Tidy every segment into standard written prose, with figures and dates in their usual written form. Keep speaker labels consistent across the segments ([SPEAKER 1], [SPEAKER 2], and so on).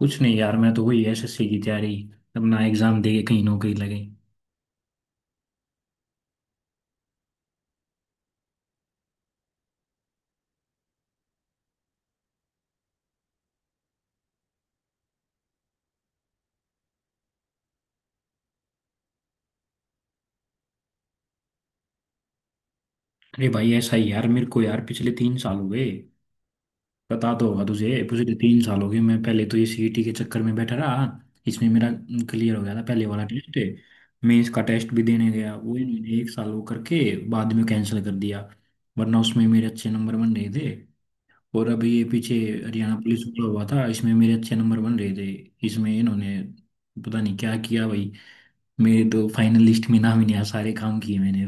[SPEAKER 1] कुछ नहीं यार, मैं तो वही एसएससी की तैयारी, अपना एग्जाम दे के कहीं नौकरी लगे। अरे भाई, ऐसा ही यार, मेरे को यार पिछले 3 साल हुए। पता तो होगा तुझे, पिछले 3 साल हो गए। मैं पहले तो ये सीईटी के चक्कर में बैठा रहा। इसमें मेरा क्लियर हो गया था पहले वाला टेस्ट। मेंस का टेस्ट भी देने गया वो, इन्होंने एक साल वो करके बाद में कैंसिल कर दिया। वरना उसमें मेरे अच्छे नंबर बन रहे थे। और अभी ये पीछे हरियाणा पुलिस वाला हुआ था, इसमें मेरे अच्छे नंबर बन रहे थे। इसमें इन्होंने पता नहीं क्या किया भाई, मेरे तो फाइनल लिस्ट में नाम ही नहीं आया। सारे काम किए मैंने।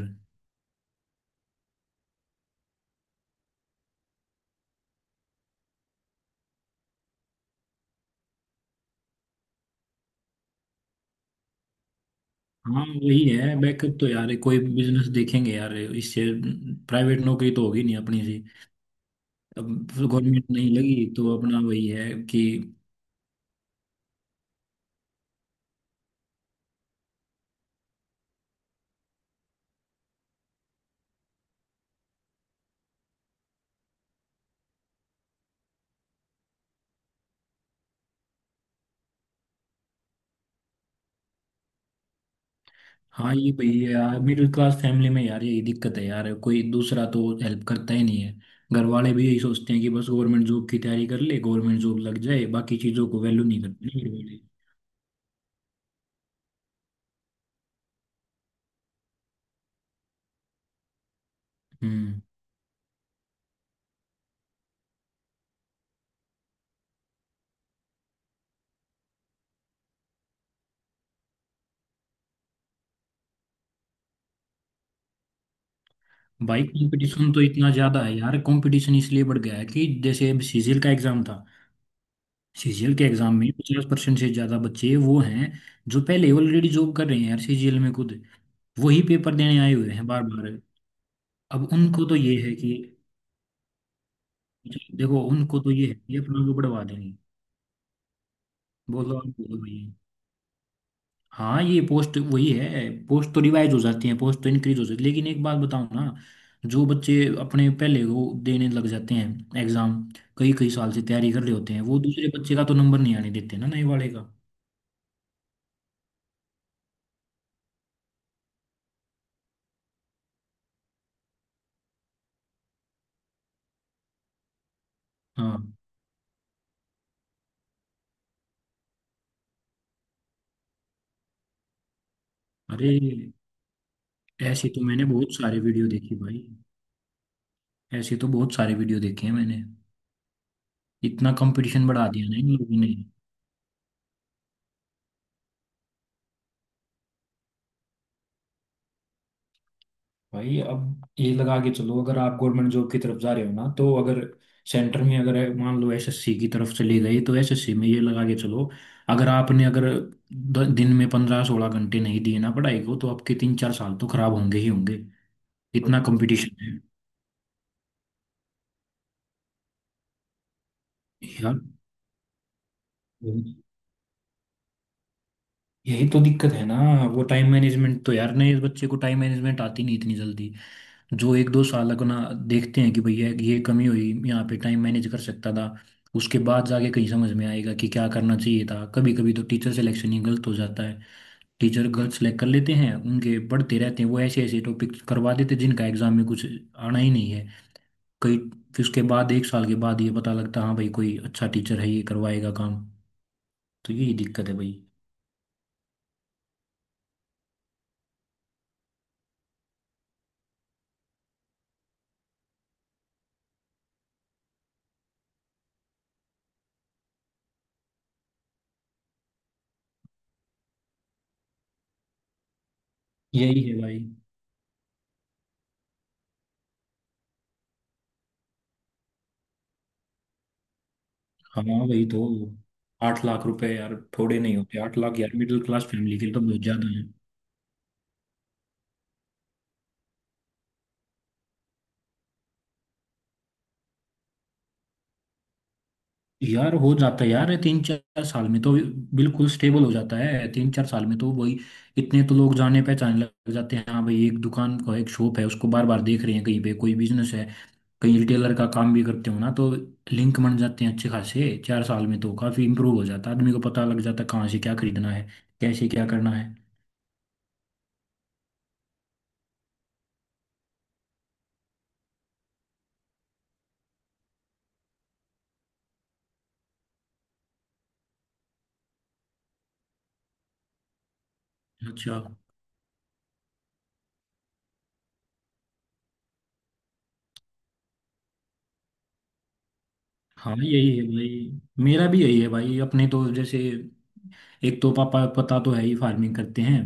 [SPEAKER 1] हाँ वही है, बैकअप तो यार कोई बिजनेस देखेंगे यार इससे। प्राइवेट नौकरी तो होगी नहीं अपनी सी। अब गवर्नमेंट नहीं लगी तो अपना वही है कि। हाँ ये वही है यार, मिडिल क्लास फैमिली में यार यही दिक्कत है यार, कोई दूसरा तो हेल्प करता ही नहीं है। घर वाले भी यही सोचते हैं कि बस गवर्नमेंट जॉब की तैयारी कर ले, गवर्नमेंट जॉब लग जाए, बाकी चीज़ों को वैल्यू नहीं करते ना घर वाले। हम्म। भाई कंपटीशन तो इतना ज्यादा है यार, कंपटीशन इसलिए बढ़ गया है कि जैसे अब सीजीएल का एग्जाम था। सीजीएल के एग्जाम में 50% से ज्यादा बच्चे वो हैं जो पहले ऑलरेडी जॉब कर रहे हैं यार, सीजीएल में खुद वही पेपर देने आए हुए हैं बार बार। अब उनको तो ये है कि, देखो उनको तो ये है कि अपना को बढ़वा देंगे। बोलो आप बोलो भाई। हाँ, ये पोस्ट वही है, पोस्ट तो रिवाइज हो जाती है, पोस्ट तो इंक्रीज हो जाती है, लेकिन एक बात बताओ ना, जो बच्चे अपने पहले वो देने लग जाते हैं एग्जाम, कई कई साल से तैयारी कर रहे होते हैं, वो दूसरे बच्चे का तो नंबर नहीं आने देते ना नए वाले का। हाँ। अरे, ऐसे तो मैंने बहुत सारे वीडियो देखे भाई, ऐसे तो बहुत सारे वीडियो देखे हैं मैंने। इतना कंपटीशन बढ़ा दिया ना इन लोगों ने। भाई अब ये लगा के चलो, अगर आप गवर्नमेंट जॉब की तरफ जा रहे हो ना, तो अगर सेंटर में अगर मान लो एसएससी की तरफ से ले गए तो एसएससी में ये लगा के चलो, अगर आपने अगर दिन में 15-16 घंटे नहीं दिए ना पढ़ाई को, तो आपके 3-4 साल तो खराब होंगे ही होंगे, इतना कंपटीशन है। यार, यही यही तो दिक्कत है ना। वो टाइम मैनेजमेंट तो यार नहीं, इस बच्चे को टाइम मैनेजमेंट आती नहीं इतनी जल्दी, जो 1-2 साल अपना देखते हैं कि भैया ये कमी हुई यहाँ पे, टाइम मैनेज कर सकता था, उसके बाद जाके कहीं समझ में आएगा कि क्या करना चाहिए था। कभी कभी तो टीचर सिलेक्शन ही गलत हो जाता है, टीचर गलत सिलेक्ट कर लेते हैं, उनके पढ़ते रहते हैं वो, ऐसे ऐसे टॉपिक करवा देते हैं जिनका एग्जाम में कुछ आना ही नहीं है। कई, फिर उसके बाद एक साल के बाद ये पता लगता, हाँ भाई कोई अच्छा टीचर है, ये करवाएगा काम। तो यही दिक्कत है भाई। यही है भाई। हाँ भाई, तो 8 लाख रुपए यार थोड़े नहीं होते, 8 लाख यार मिडिल क्लास फैमिली के लिए तो बहुत ज्यादा। यार हो जाता है यार, 3-4 साल में तो बिल्कुल स्टेबल हो जाता है, 3-4 साल में तो वही, इतने तो लोग जाने पहचाने लग जाते हैं, हाँ भाई एक दुकान का, एक शॉप है उसको बार बार देख रहे हैं कहीं पे कोई बिजनेस है, कहीं रिटेलर का काम भी करते हो ना तो लिंक बन जाते हैं अच्छे खासे। 4 साल में तो काफी इंप्रूव हो जाता है, आदमी को पता लग जाता है कहाँ से क्या खरीदना है, कैसे क्या करना है। अच्छा। हाँ यही है भाई, मेरा भी यही है भाई, अपने तो जैसे एक तो पापा पता तो है ही, फार्मिंग करते हैं,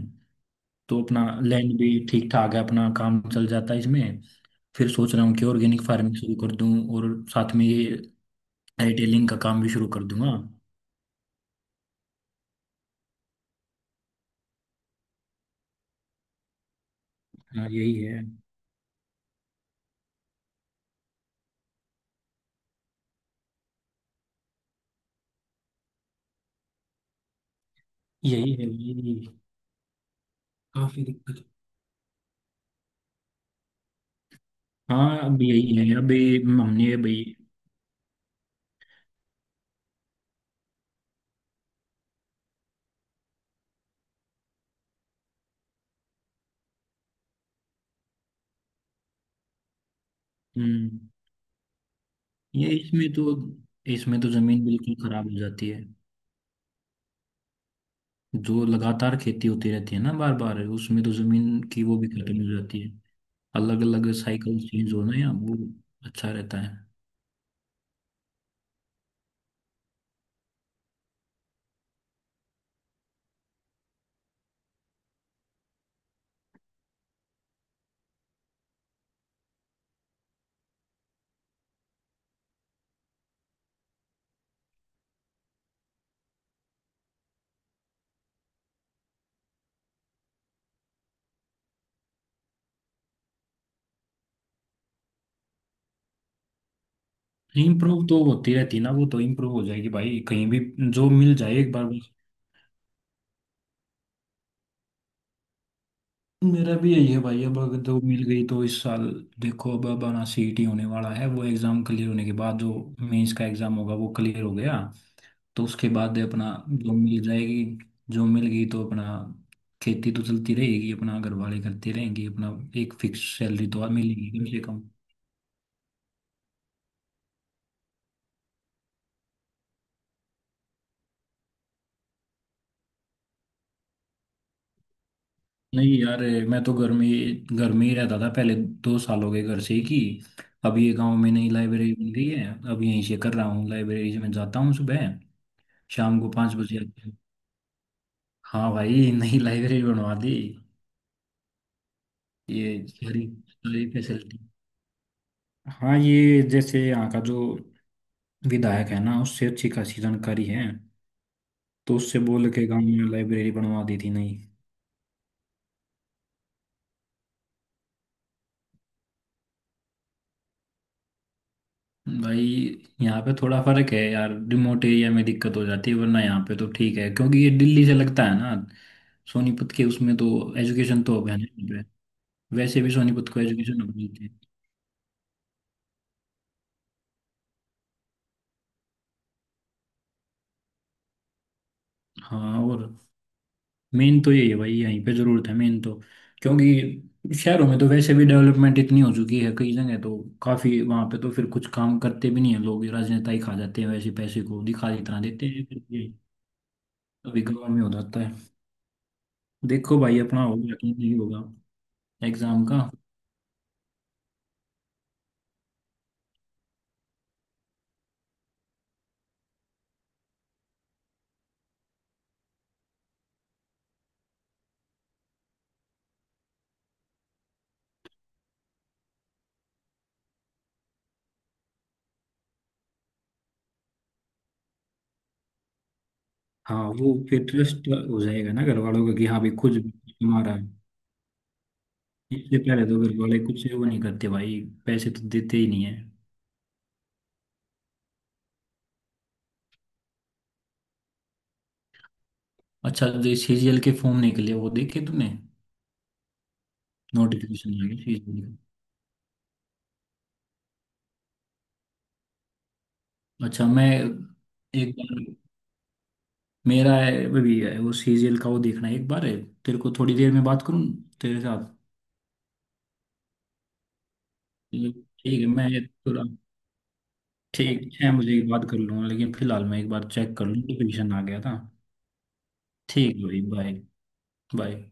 [SPEAKER 1] तो अपना लैंड भी ठीक ठाक है, अपना काम चल जाता है इसमें। फिर सोच रहा हूँ कि ऑर्गेनिक फार्मिंग शुरू कर दूँ और साथ में ये रिटेलिंग का काम भी शुरू कर दूंगा। हाँ यही है। यही है यही। काफी दिक्कत। हाँ अब यही है अभी। हमने भाई। हम्म। ये इसमें तो, इसमें तो जमीन बिल्कुल खराब हो जाती है, जो लगातार खेती होती रहती है ना बार बार, उसमें तो जमीन की वो भी खत्म हो जाती है। अलग अलग साइकिल चेंज होना, या वो अच्छा रहता है। इम्प्रूव तो होती रहती है ना, वो तो इम्प्रूव हो जाएगी भाई कहीं भी, जो मिल जाए एक बार बस। मेरा भी यही है भाई, अब अगर जो मिल गई तो इस साल। देखो अब आना सीईटी होने वाला है, वो एग्जाम क्लियर होने के बाद जो मेंस का एग्जाम होगा वो क्लियर हो गया, तो उसके बाद अपना जो मिल जाएगी, जो मिल गई तो अपना, खेती तो चलती रहेगी अपना, घर वाले करते रहेंगे अपना। एक फिक्स सैलरी तो मिलेगी कम से कम। नहीं यार ये, मैं तो घर में ही रहता था पहले। 2 साल हो गए घर से ही की। अब ये गांव में नई लाइब्रेरी बन गई है, अब यहीं से कर रहा हूँ, लाइब्रेरी से मैं जाता हूँ सुबह, शाम को 5 बजे आता हूँ। हाँ भाई नई लाइब्रेरी बनवा दी। ये सारी सारी फैसिलिटी। हाँ ये जैसे यहाँ का जो विधायक है ना, उससे अच्छी खासी जानकारी है, तो उससे बोल के गांव में लाइब्रेरी बनवा दी थी नई। भाई यहाँ पे थोड़ा फर्क है यार, रिमोट एरिया में दिक्कत हो जाती है, वरना यहाँ पे तो ठीक है, क्योंकि ये दिल्ली से लगता है ना, सोनीपत के उसमें तो एजुकेशन तो अब है नहीं पे। वैसे भी सोनीपत को एजुकेशन अब मिलती है। हाँ, और मेन तो यही है भाई, यहीं पे जरूरत है मेन तो। क्योंकि शहरों में तो वैसे भी डेवलपमेंट इतनी हो चुकी है, कई जगह तो काफी, वहां पे तो फिर कुछ काम करते भी नहीं है लोग, राजनेता ही खा जाते हैं, वैसे पैसे को दिखा इतना देते हैं फिर ये। अभी गाँव में हो जाता है। देखो भाई, अपना होगा कि नहीं होगा एग्जाम का। हाँ, वो फिर ट्रस्ट हो जाएगा ना घर वालों का कि हाँ भाई खुद कमा रहा है। इससे पहले तो घर वाले कुछ वो नहीं करते भाई, पैसे तो देते ही नहीं है। अच्छा, जो सीरियल के फॉर्म निकले वो देखे तुमने? नोटिफिकेशन आ गया सीरियल का। अच्छा, मैं एक बार, मेरा है, वो भी है वो सीरियल का, वो देखना है एक बार है, तेरे को थोड़ी देर में बात करूँ तेरे साथ। ठीक है, मैं थोड़ा, ठीक 6 बजे की बात कर लूँगा, लेकिन फिलहाल मैं एक बार चेक कर लूँ, नोटिफिकेशन आ गया था। ठीक है भाई, बाय। बाय।